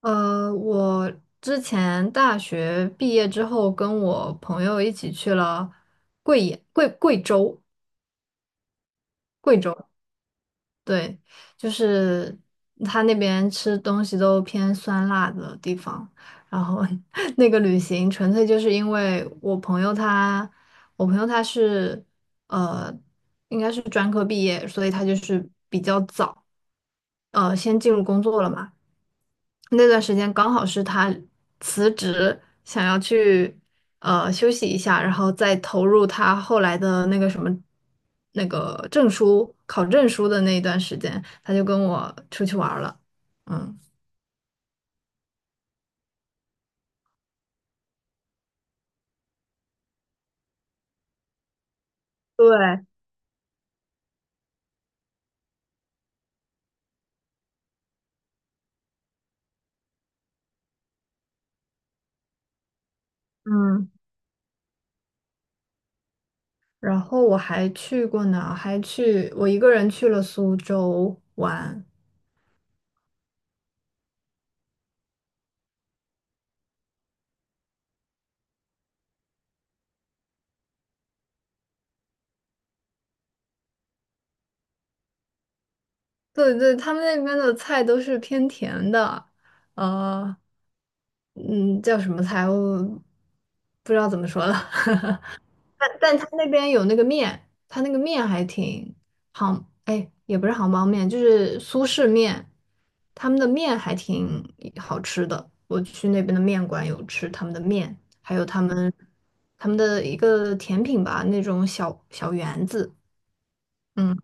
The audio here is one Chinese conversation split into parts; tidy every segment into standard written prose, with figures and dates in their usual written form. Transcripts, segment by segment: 我之前大学毕业之后，跟我朋友一起去了贵野、贵贵州、贵州，对。就是他那边吃东西都偏酸辣的地方。然后 那个旅行纯粹就是因为我朋友他是呃，应该是专科毕业，所以他就是比较早，先进入工作了嘛。那段时间刚好是他辞职，想要去休息一下，然后再投入他后来的那个什么那个考证书的那一段时间，他就跟我出去玩儿了。嗯。对。嗯。然后我还去过哪还去我一个人去了苏州玩。对对，他们那边的菜都是偏甜的，呃，嗯，叫什么菜我不知道怎么说了。但他那边有那个面，他那个面还挺也不是杭帮面，就是苏式面，他们的面还挺好吃的。我去那边的面馆有吃他们的面，还有他们的一个甜品吧，那种小小圆子。嗯，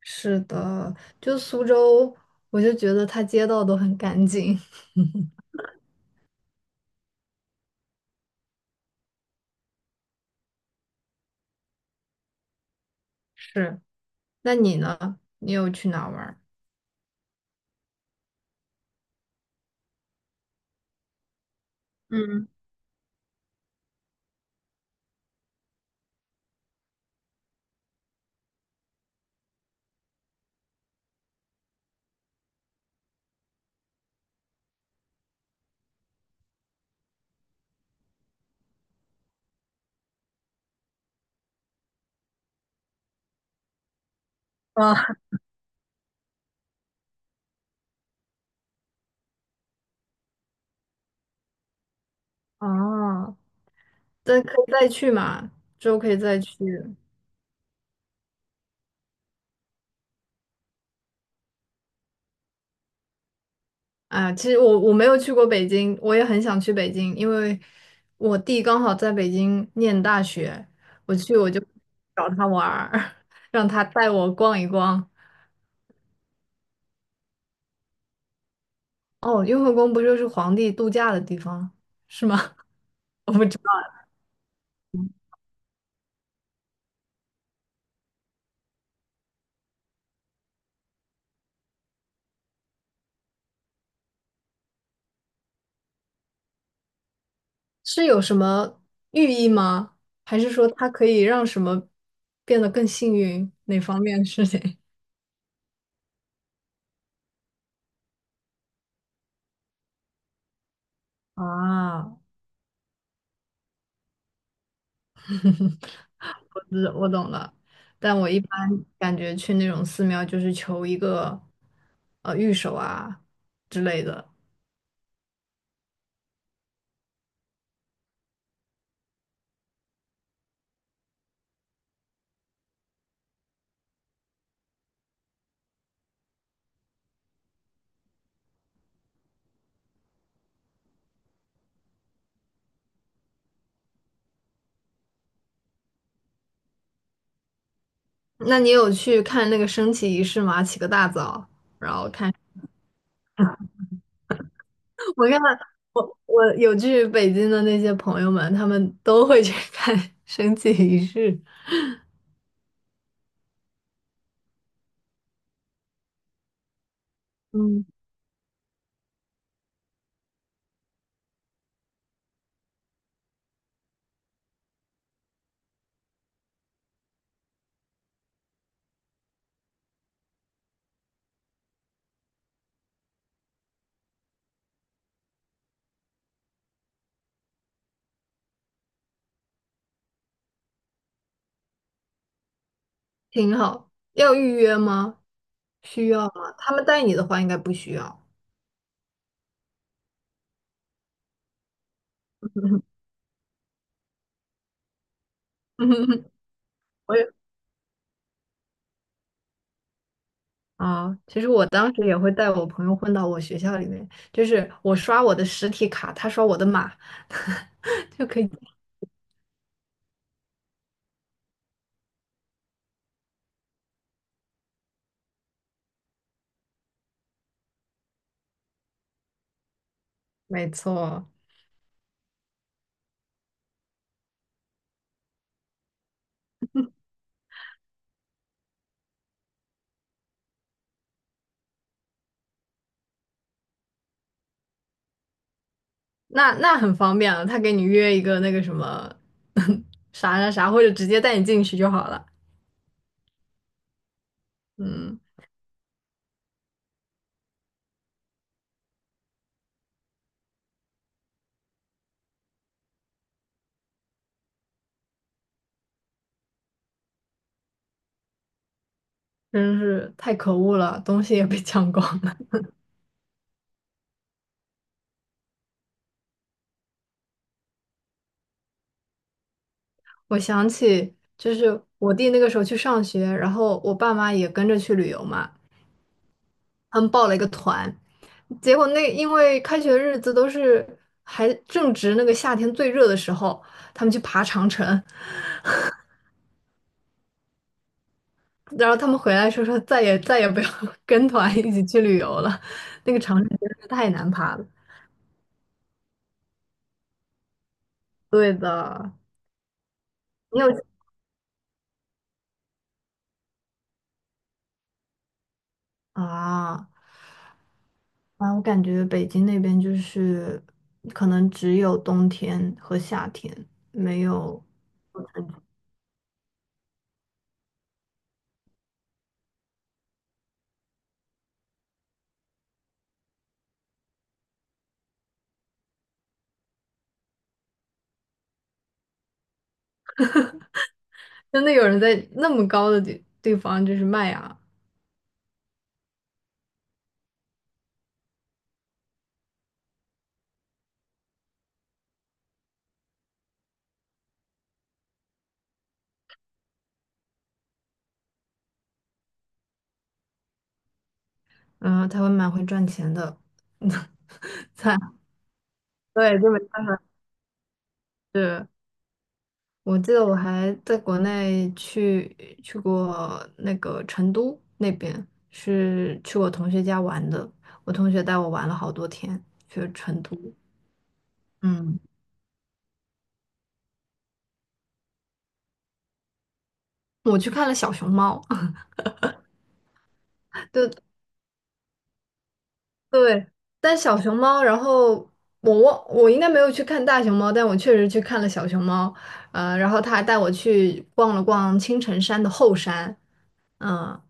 是的。就苏州，我就觉得它街道都很干净。是。那你呢？你有去哪儿玩儿？嗯。啊。哦。再可以再去嘛，之后可以再去。啊，其实我没有去过北京，我也很想去北京，因为我弟刚好在北京念大学，我就找他玩儿，让他带我逛一逛。哦，雍和宫不就是皇帝度假的地方，是吗？我不知是有什么寓意吗？还是说它可以让什么变得更幸运？哪方面的事情？啊。我懂了。但我一般感觉去那种寺庙就是求一个御守啊之类的。那你有去看那个升旗仪式吗？起个大早。我看我我有去北京的那些朋友们，他们都会去看 升旗仪式，嗯，挺好。要预约吗？需要吗？他们带你的话应该不需要。我。啊，其实我当时也会带我朋友混到我学校里面，就是我刷我的实体卡，他刷我的码，就可以。没错。那很方便了，他给你约一个那个什么 啥啥啥，或者直接带你进去就好了。嗯。真是太可恶了，东西也被抢光了。我想起就是我弟那个时候去上学，然后我爸妈也跟着去旅游嘛。他们报了一个团，结果那因为开学日子还正值那个夏天最热的时候，他们去爬长城，然后他们回来说说再也再也不要 跟团一起去旅游了，那个长城真的是太难爬了。对的。你有啊啊。我感觉北京那边就是可能只有冬天和夏天，没有。真的有人在那么高的地方就是卖啊。然后台湾蛮会赚钱的，在对，就没办法。是。我记得我还在国内去过那个成都那边，是去我同学家玩的，我同学带我玩了好多天，去成都。嗯，我去看了小熊猫，对对。但小熊猫，然后我应该没有去看大熊猫，但我确实去看了小熊猫，然后他还带我去逛了逛青城山的后山。嗯。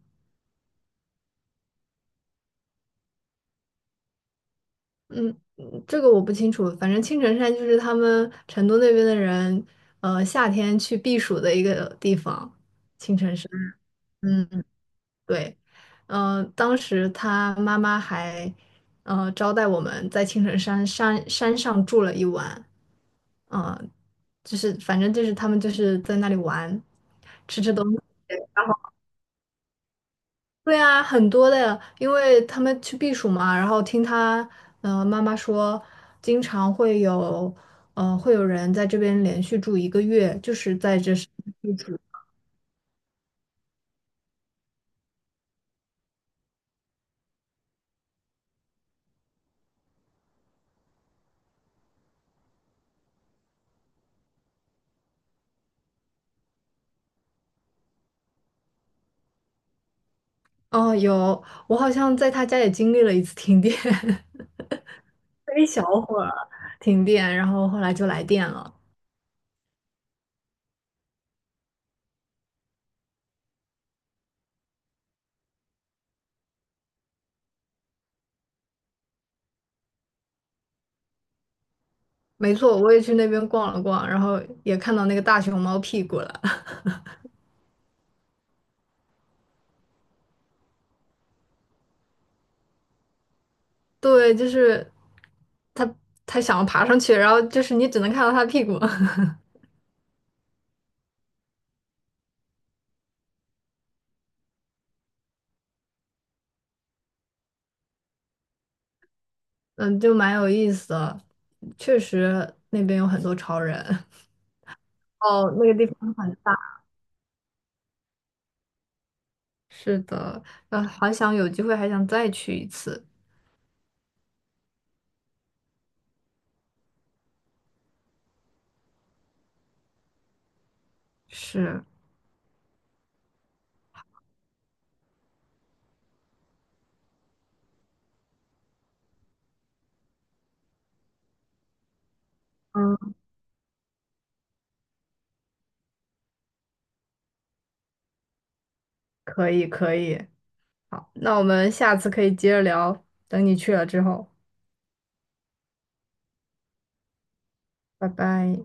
嗯，这个我不清楚。反正青城山就是他们成都那边的人，夏天去避暑的一个地方。嗯嗯。对，当时他妈妈还，招待我们在青城山山上住了一晚，呃，就是反正就是他们就是在那里玩。对啊，很多的，因为他们去避暑嘛。然后听他，妈妈说，经常会有，会有人在这边连续住一个月，就是在这是。哦，有。我好像在他家也经历了一次停电，一小会儿停电，然后后来就来电了。没错，我也去那边逛了逛，然后也看到那个大熊猫屁股了。对，就是他，他想要爬上去，然后就是你只能看到他屁股。嗯，就蛮有意思的。确实，那边有很多潮人。哦，那个地方很大。是的。好想有机会还想再去一次。是。嗯，可以，可以。好，那我们下次可以接着聊，等你去了之后，拜拜。